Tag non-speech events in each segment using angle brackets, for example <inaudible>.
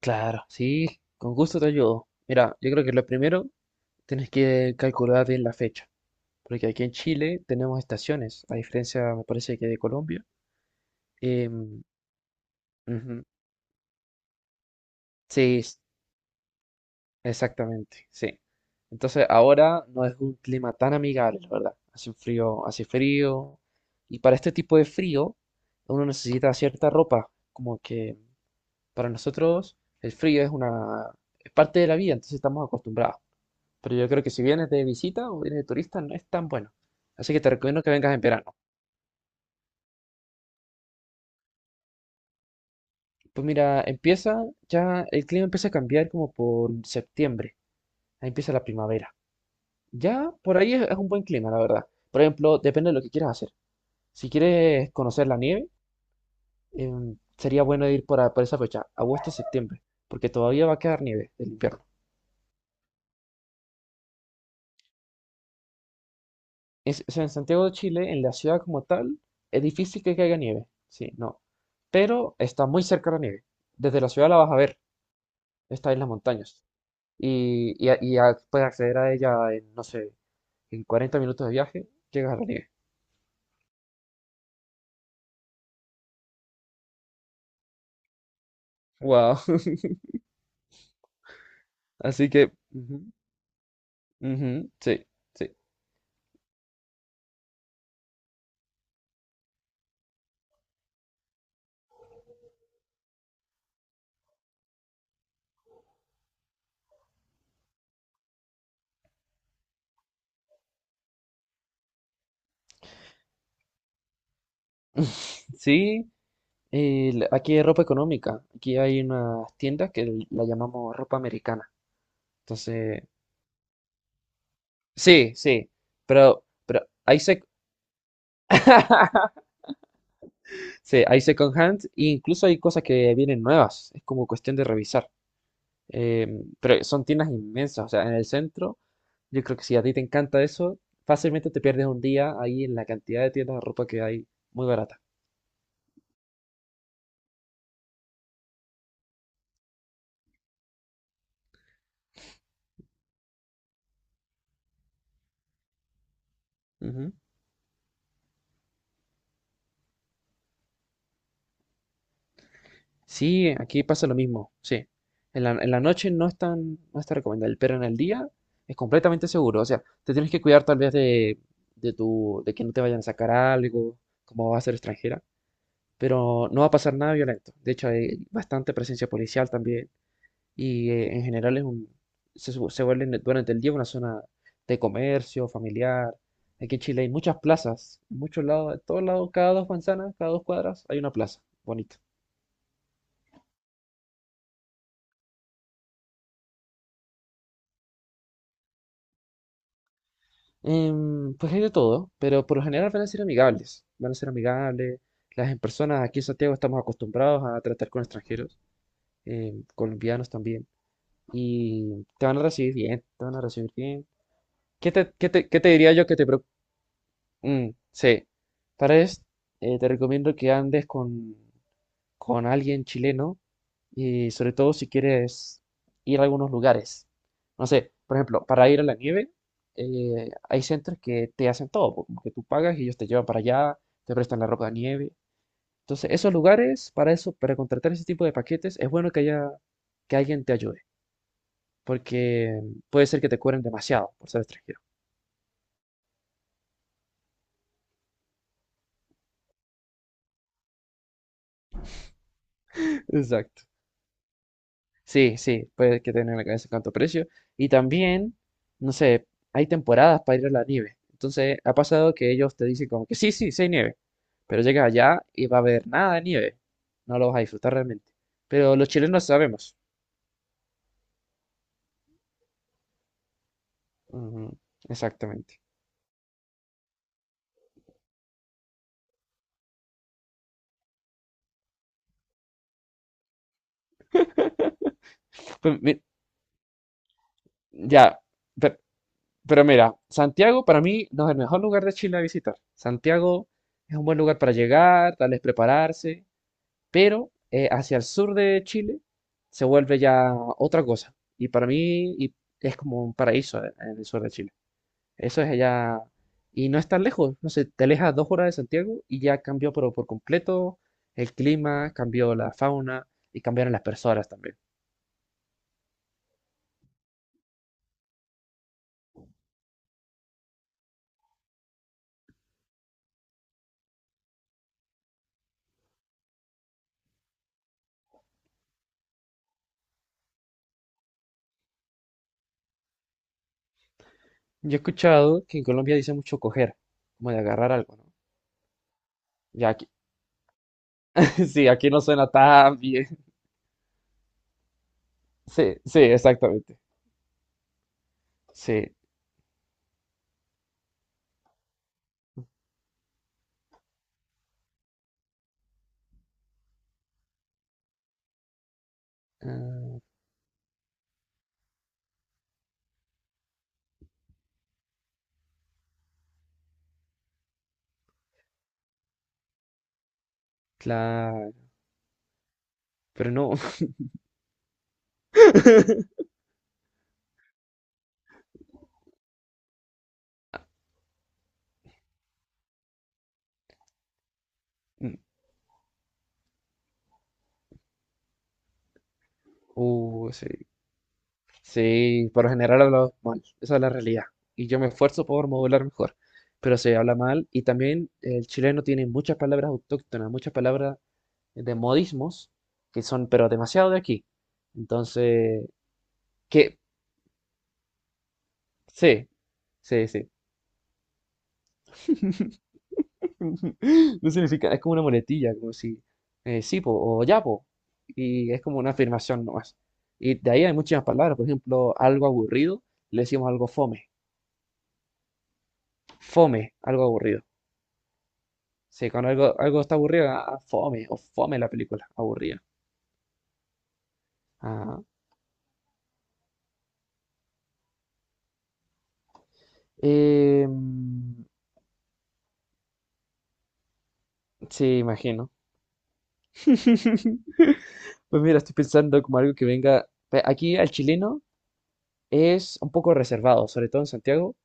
Claro, sí, con gusto te ayudo. Mira, yo creo que lo primero tienes que calcular bien la fecha, porque aquí en Chile tenemos estaciones, a diferencia, me parece que de Colombia. Em, Ujú. Sí, exactamente, sí. Entonces ahora no es un clima tan amigable, la verdad. Hace un frío, hace frío, y para este tipo de frío uno necesita cierta ropa, como que para nosotros el frío es una, es parte de la vida, entonces estamos acostumbrados. Pero yo creo que si vienes de visita o vienes de turista no es tan bueno. Así que te recomiendo que vengas en verano. Pues mira, empieza ya, el clima empieza a cambiar como por septiembre. Ahí empieza la primavera. Ya por ahí es un buen clima, la verdad. Por ejemplo, depende de lo que quieras hacer. Si quieres conocer la nieve, sería bueno ir por esa fecha, agosto, septiembre, porque todavía va a quedar nieve del invierno. O sea, en Santiago de Chile, en la ciudad como tal, es difícil que caiga nieve. Sí, no. Pero está muy cerca la nieve. Desde la ciudad la vas a ver. Esta en las montañas. Y puedes acceder a ella en, no sé, en 40 minutos de viaje, llegas a la nieve. Wow. <laughs> Así que, ujú, ujú, sí, sí. Sí, aquí hay ropa económica. Aquí hay unas tiendas que la llamamos ropa americana. Entonces, sí, sí. Pero hay sec. <laughs> Sí, hay second hand. E incluso hay cosas que vienen nuevas. Es como cuestión de revisar. Eh, pero son tiendas inmensas, o sea, en el centro, yo creo que si a ti te encanta eso, fácilmente te pierdes un día ahí en la cantidad de tiendas de ropa que hay, muy barata. Ujú. Sí, aquí pasa lo mismo, sí. En la noche no es tan, no está recomendable, pero en el día es completamente seguro, o sea, te tienes que cuidar tal vez de tu, de que no te vayan a sacar algo, como va a ser extranjera, pero no va a pasar nada violento. De hecho, hay bastante presencia policial también. Y en general es un, se, su- se vuelve en- durante el día una zona de comercio, familiar. Aquí en Chile hay muchas plazas, en muchos lados, en todos lados, cada dos manzanas, cada dos cuadras hay una plaza, bonito. Pues hay de todo, pero por lo general van a ser amigables, van a ser amigables. Las en personas aquí en Santiago estamos acostumbrados a tratar con extranjeros, colombianos también, y te van a recibir bien, te van a recibir bien. ¿Qué te diría yo que te, pre-. Mm, sí. Para esto, te recomiendo que andes con alguien chileno y sobre todo si quieres ir a algunos lugares. No sé, por ejemplo, para ir a la nieve, hay centros que te hacen todo, po, como que tú pagas y ellos te llevan para allá, te prestan la ropa de nieve. Entonces, esos lugares, para eso, para contratar ese tipo de paquetes, es bueno que haya, que alguien te ayude, porque puede ser que te cobren demasiado por ser extranjero. <laughs> Exacto. Sí, sí, puede que tener en la cabeza cuánto precio. Y también, no sé, hay temporadas para ir a la nieve. Entonces, ha pasado que ellos te dicen como que sí, sí, sí hay nieve. Pero llegas allá y va a haber nada de nieve. No lo vas a disfrutar realmente. Pero los chilenos sabemos. Ujú, exactamente. Pues, ya, pe- pero mira, Santiago para mí no es el mejor lugar de Chile a visitar. Santiago es un buen lugar para llegar, tal vez prepararse. Pero hacia el sur de Chile se vuelve ya otra cosa. Y para mí es como un paraíso en el sur de Chile. Eso es allá. Y no es tan lejos. No sé, te alejas 2 horas de Santiago y ya cambió pero por completo el clima, cambió la fauna y cambiaron las personas también. Yo he escuchado que en Colombia dice mucho coger, como de agarrar algo, ¿no? Ya aquí, <laughs> sí, aquí no suena tan bien. Sí, sí, exactamente. Sí. Ah, claro, pero no. <laughs> Sí, sí, por lo general hablamos mal, esa es la realidad. Y yo me esfuerzo por modular mejor, pero se habla mal. Y también el chileno tiene muchas palabras autóctonas, muchas palabras de modismos que son, pero demasiado de aquí. Entonces, que sí, sí, sí. <laughs> No significa, es como una muletilla, como si, sí, po, o ya, po. Y es como una afirmación nomás. Y de ahí hay muchas palabras, por ejemplo, algo aburrido, le decimos algo fome. Fome, algo aburrido. Sí, cuando algo está aburrido, ah, fome, o fome la película, aburrida. Ah, mm, sí, imagino. <laughs> Pues mira, estoy pensando como algo que venga. Aquí al chileno es un poco reservado, sobre todo en Santiago.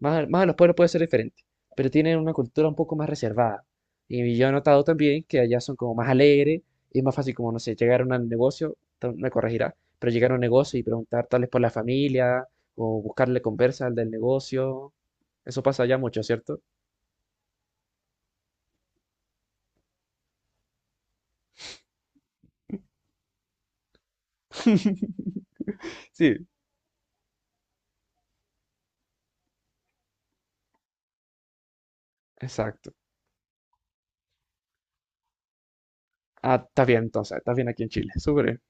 Más a los pueblos puede ser diferente, pero tienen una cultura un poco más reservada. Y yo he notado también que allá son como más alegres, y es más fácil como, no sé, llegar a un negocio, me corregirá, pero llegar a un negocio y preguntar tal vez por la familia, o buscarle conversa al del negocio. Eso pasa allá mucho, ¿cierto? <laughs> Sí. Exacto. Ah, estás bien entonces, estás bien aquí en Chile, súper bien.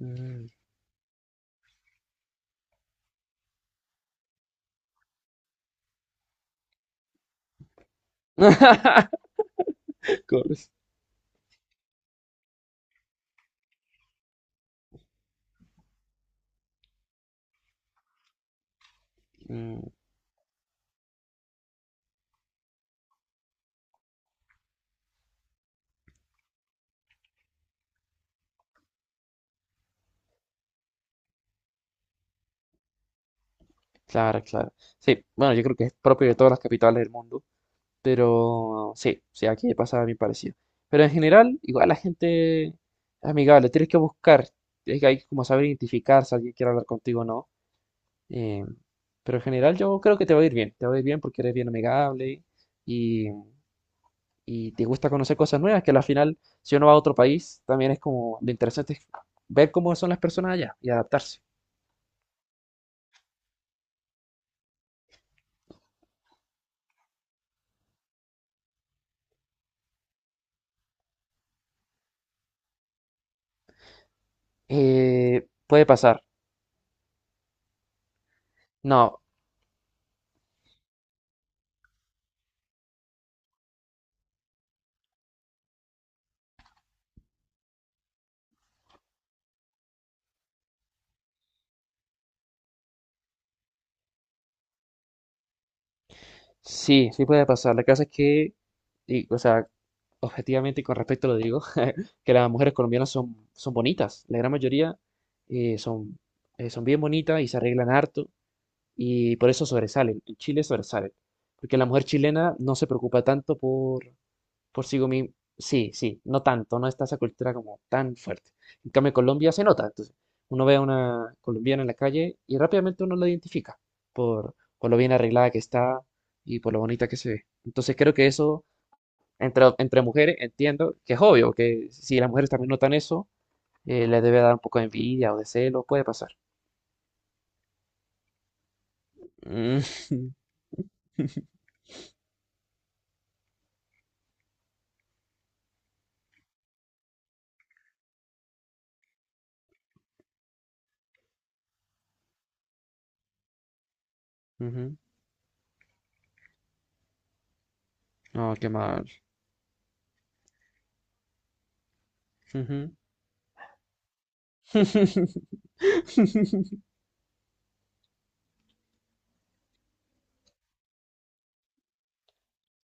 Mm. <laughs> Corres. Mm, claro, claro. Sí, bueno, yo creo que es propio de todas las capitales del mundo. Pero sí, sí, aquí pasa a mí parecido. Pero en general, igual la gente es amigable, tienes que buscar, es que hay que como saber identificar si alguien quiere hablar contigo o no. eh, pero en general yo creo que te va a ir bien, te va a ir bien porque eres bien amigable y, y te gusta conocer cosas nuevas, que al final, si uno va a otro país, también es como lo interesante es ver cómo son las personas allá y adaptarse. Puede pasar. No, sí, sí puede pasar. La cosa es que, y, o sea, objetivamente y con respeto lo digo, que las mujeres colombianas son bonitas, la gran mayoría eh, son, son bien bonitas y se arreglan harto y por eso sobresalen, en Chile sobresalen, porque la mujer chilena no se preocupa tanto por sí misma, sí, sí, no tanto, no está esa cultura como tan fuerte. En cambio, en Colombia se nota, entonces uno ve a una colombiana en la calle y rápidamente uno la identifica por lo bien arreglada que está y por lo bonita que se ve. Entonces creo que eso, entre mujeres, entiendo que es obvio, que si las mujeres también notan eso, le debe dar un poco de envidia o de celo, puede pasar. Mm, <laughs> ujú. Oh, qué mal. Ujú. <laughs>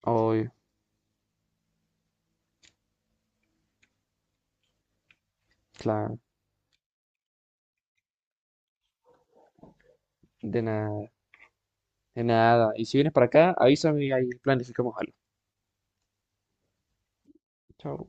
Ay, claro, de nada, de nada. Y si vienes para acá, avísame y ahí planificamos algo. Chao.